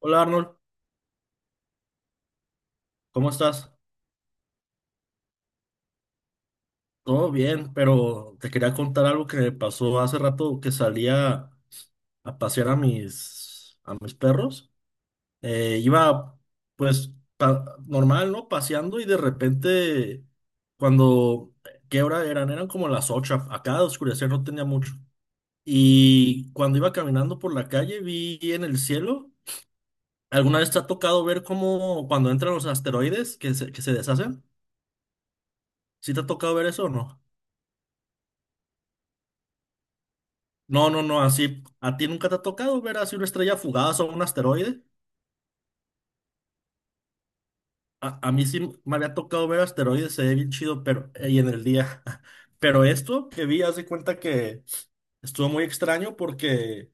Hola Arnold, ¿cómo estás? Todo bien, pero te quería contar algo que me pasó hace rato que salía a pasear a mis perros. Iba pues normal, ¿no? Paseando y de repente cuando, ¿qué hora eran? Eran como las 8. Acá de oscurecer no tenía mucho. Y cuando iba caminando por la calle vi en el cielo, ¿alguna vez te ha tocado ver cómo cuando entran los asteroides que se deshacen? ¿Sí te ha tocado ver eso o no? No, no, no, así, ¿a ti nunca te ha tocado ver así una estrella fugaz o un asteroide? A mí sí me había tocado ver asteroides, se ve bien chido, pero ahí en el día. Pero esto que vi, haz de cuenta que estuvo muy extraño porque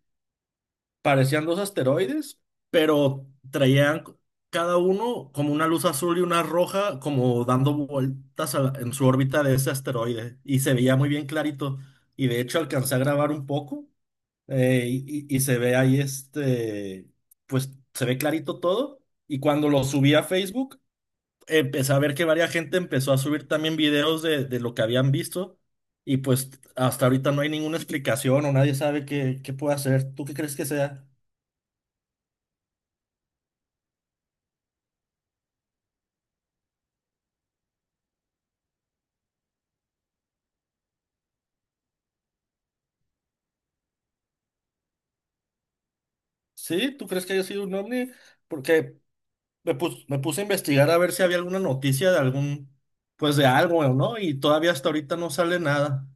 parecían dos asteroides, pero traían cada uno como una luz azul y una roja, como dando vueltas a en su órbita de ese asteroide. Y se veía muy bien clarito. Y de hecho alcancé a grabar un poco. Y se ve ahí este, pues se ve clarito todo. Y cuando lo subí a Facebook, empecé a ver que varias gente empezó a subir también videos de lo que habían visto. Y pues hasta ahorita no hay ninguna explicación o nadie sabe qué puede hacer. ¿Tú qué crees que sea? ¿Sí? ¿Tú crees que haya sido un ovni? Porque me puse a investigar a ver si había alguna noticia de algún, pues de algo, ¿no? Y todavía hasta ahorita no sale nada.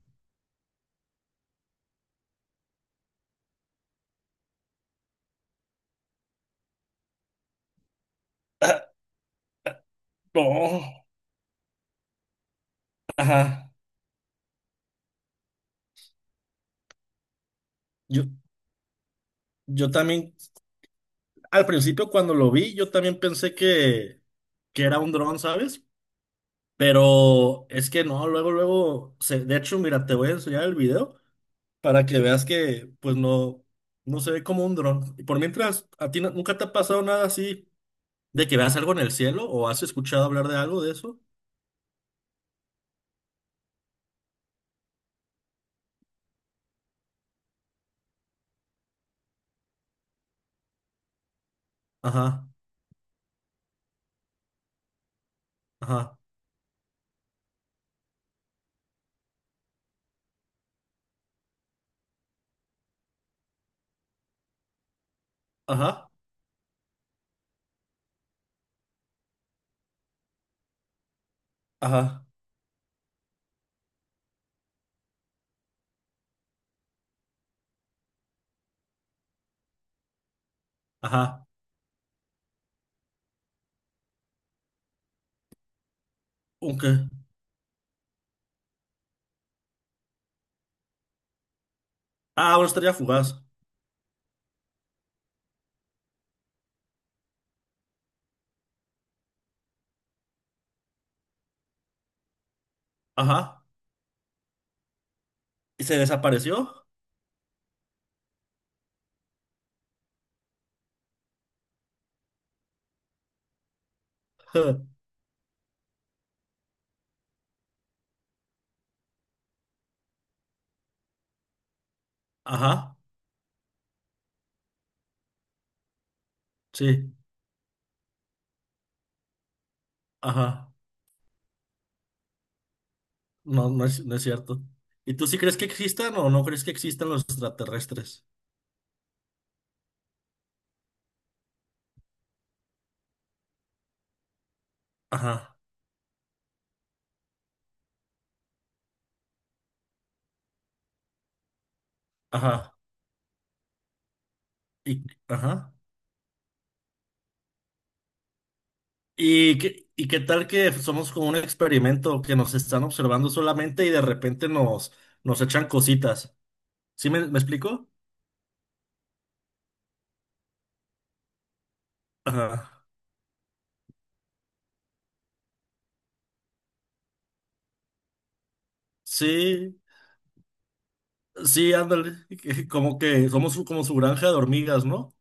Ah, no. Ajá. Yo, yo también. Al principio cuando lo vi, yo también pensé que era un dron, ¿sabes? Pero es que no, luego, luego, de hecho, mira, te voy a enseñar el video para que veas que, pues no, no se ve como un dron. Y por mientras, ¿a ti nunca te ha pasado nada así de que veas algo en el cielo o has escuchado hablar de algo de eso? Ajá, ajá, ajá, ajá, ajá. ¿Un qué? Ah, una estrella fugaz. Ajá. ¿Y se desapareció? Ajá, sí, ajá. No, no es cierto. ¿Y tú sí crees que existan o no crees que existan los extraterrestres? Ajá, ajá, y, ajá. ¿Y qué tal que somos como un experimento que nos están observando solamente y de repente nos echan cositas? ¿Sí me explico? Ajá. Sí, sí, ándale. Como que somos como su granja de hormigas, ¿no?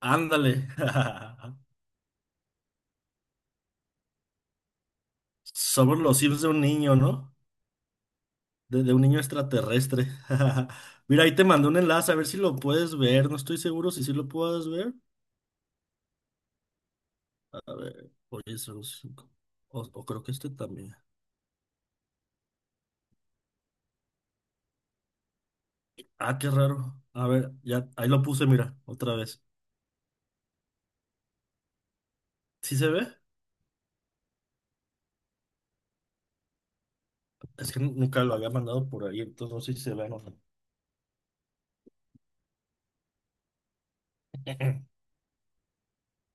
Ándale. Somos los Sims de un niño, ¿no? De un niño extraterrestre. Mira, ahí te mandé un enlace, a ver si lo puedes ver. No estoy seguro si sí lo puedes ver. A ver, oye, son cinco. O creo que este también. Ah, qué raro. A ver, ya, ahí lo puse, mira, otra vez. ¿Sí se ve? Es que nunca lo había mandado por ahí, entonces no sé si se ve o no.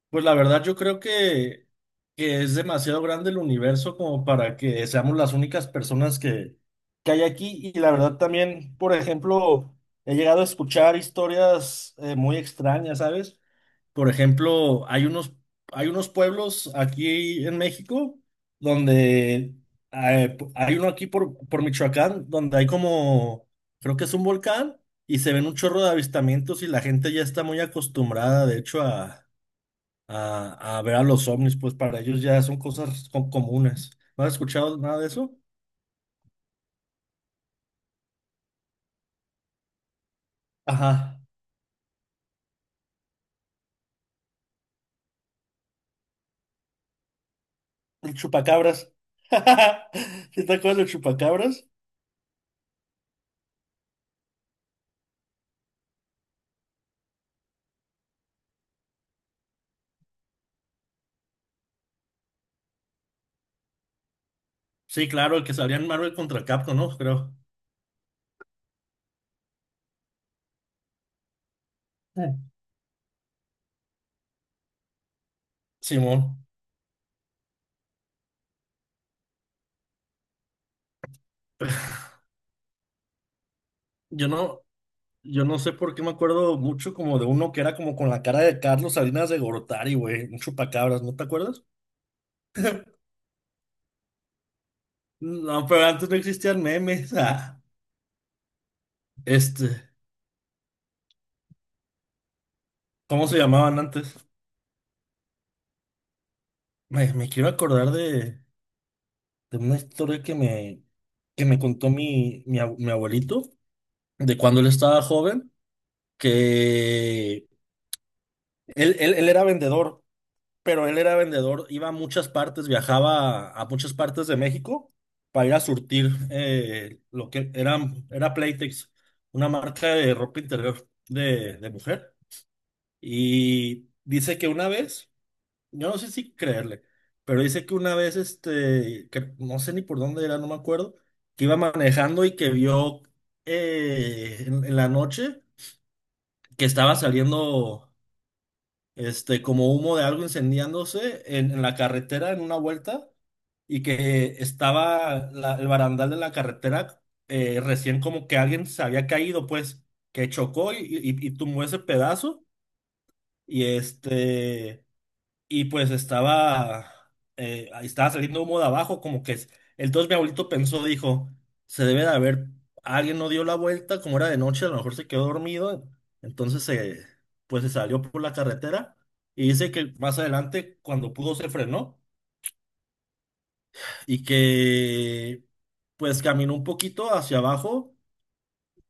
Pues la verdad yo creo que es demasiado grande el universo como para que seamos las únicas personas que hay aquí. Y la verdad también, por ejemplo, he llegado a escuchar historias muy extrañas, ¿sabes? Por ejemplo, hay unos pueblos aquí en México donde hay uno aquí por Michoacán donde hay como, creo que es un volcán y se ven un chorro de avistamientos y la gente ya está muy acostumbrada, de hecho, a ver a los ovnis, pues para ellos ya son cosas comunes. ¿No has escuchado nada de eso? Ajá, el chupacabras. ¿Sí te acuerdas del chupacabras? Sí, claro, el que salía en Marvel contra Capcom, ¿no? Creo. Sí. Simón. Yo no, yo no sé por qué me acuerdo mucho como de uno que era como con la cara de Carlos Salinas de Gortari, güey, un chupacabras, ¿no te acuerdas? No, pero antes no existían memes. Ah, este, ¿cómo se llamaban antes? Me quiero acordar de una historia que me contó mi abuelito, de cuando él estaba joven, que él era vendedor, pero él era vendedor, iba a muchas partes, viajaba a muchas partes de México para ir a surtir lo que era Playtex, una marca de ropa interior de mujer. Y dice que una vez yo no sé si creerle, pero dice que una vez, que no sé ni por dónde era, no me acuerdo, que iba manejando y que vio en la noche que estaba saliendo, como humo de algo incendiándose en, la carretera en una vuelta y que estaba el barandal de la carretera recién como que alguien se había caído, pues, que chocó y tumbó ese pedazo y y pues estaba, ahí estaba saliendo humo de abajo, como que entonces mi abuelito pensó, dijo, se debe de haber, alguien no dio la vuelta, como era de noche, a lo mejor se quedó dormido, entonces pues se salió por la carretera y dice que más adelante, cuando pudo, se frenó y que pues caminó un poquito hacia abajo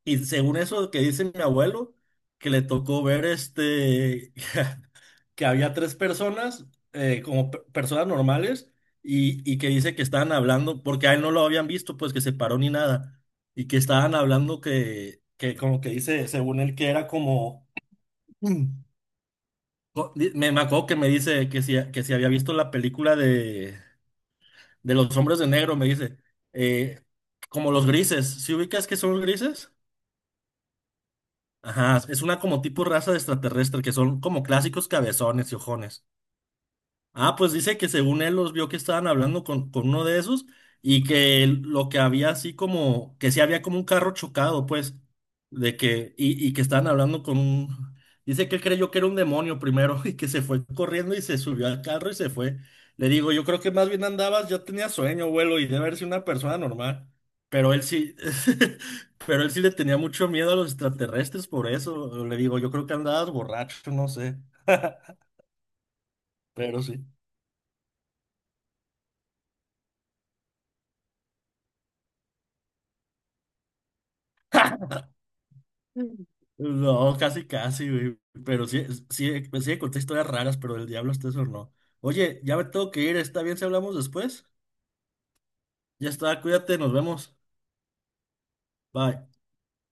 y según eso que dice mi abuelo, que le tocó ver que había tres personas, como personas normales, y que dice que estaban hablando, porque a él no lo habían visto, pues que se paró ni nada, y que estaban hablando que como que dice, según él, que era como, Me acuerdo que me dice que si había visto la película de los hombres de negro, me dice, eh, como los grises, ¿si ubicas que son los grises? Ajá, es una como tipo raza de extraterrestre que son como clásicos cabezones y ojones. Ah, pues dice que según él los vio que estaban hablando con uno de esos y que lo que había así como, que sí había como un carro chocado, pues, de que, y que estaban hablando con un, dice que él creyó que era un demonio primero y que se fue corriendo y se subió al carro y se fue. Le digo, yo creo que más bien andabas, ya tenía sueño, abuelo, y debe haber sido una persona normal. Pero él sí, pero él sí le tenía mucho miedo a los extraterrestres por eso. Le digo, yo creo que andabas borracho, no sé, pero sí. No, casi, casi, güey. Pero sí, sí, sí conté historias raras, pero el diablo hasta eso no. Oye, ya me tengo que ir, ¿está bien si hablamos después? Ya está, cuídate, nos vemos. Bye.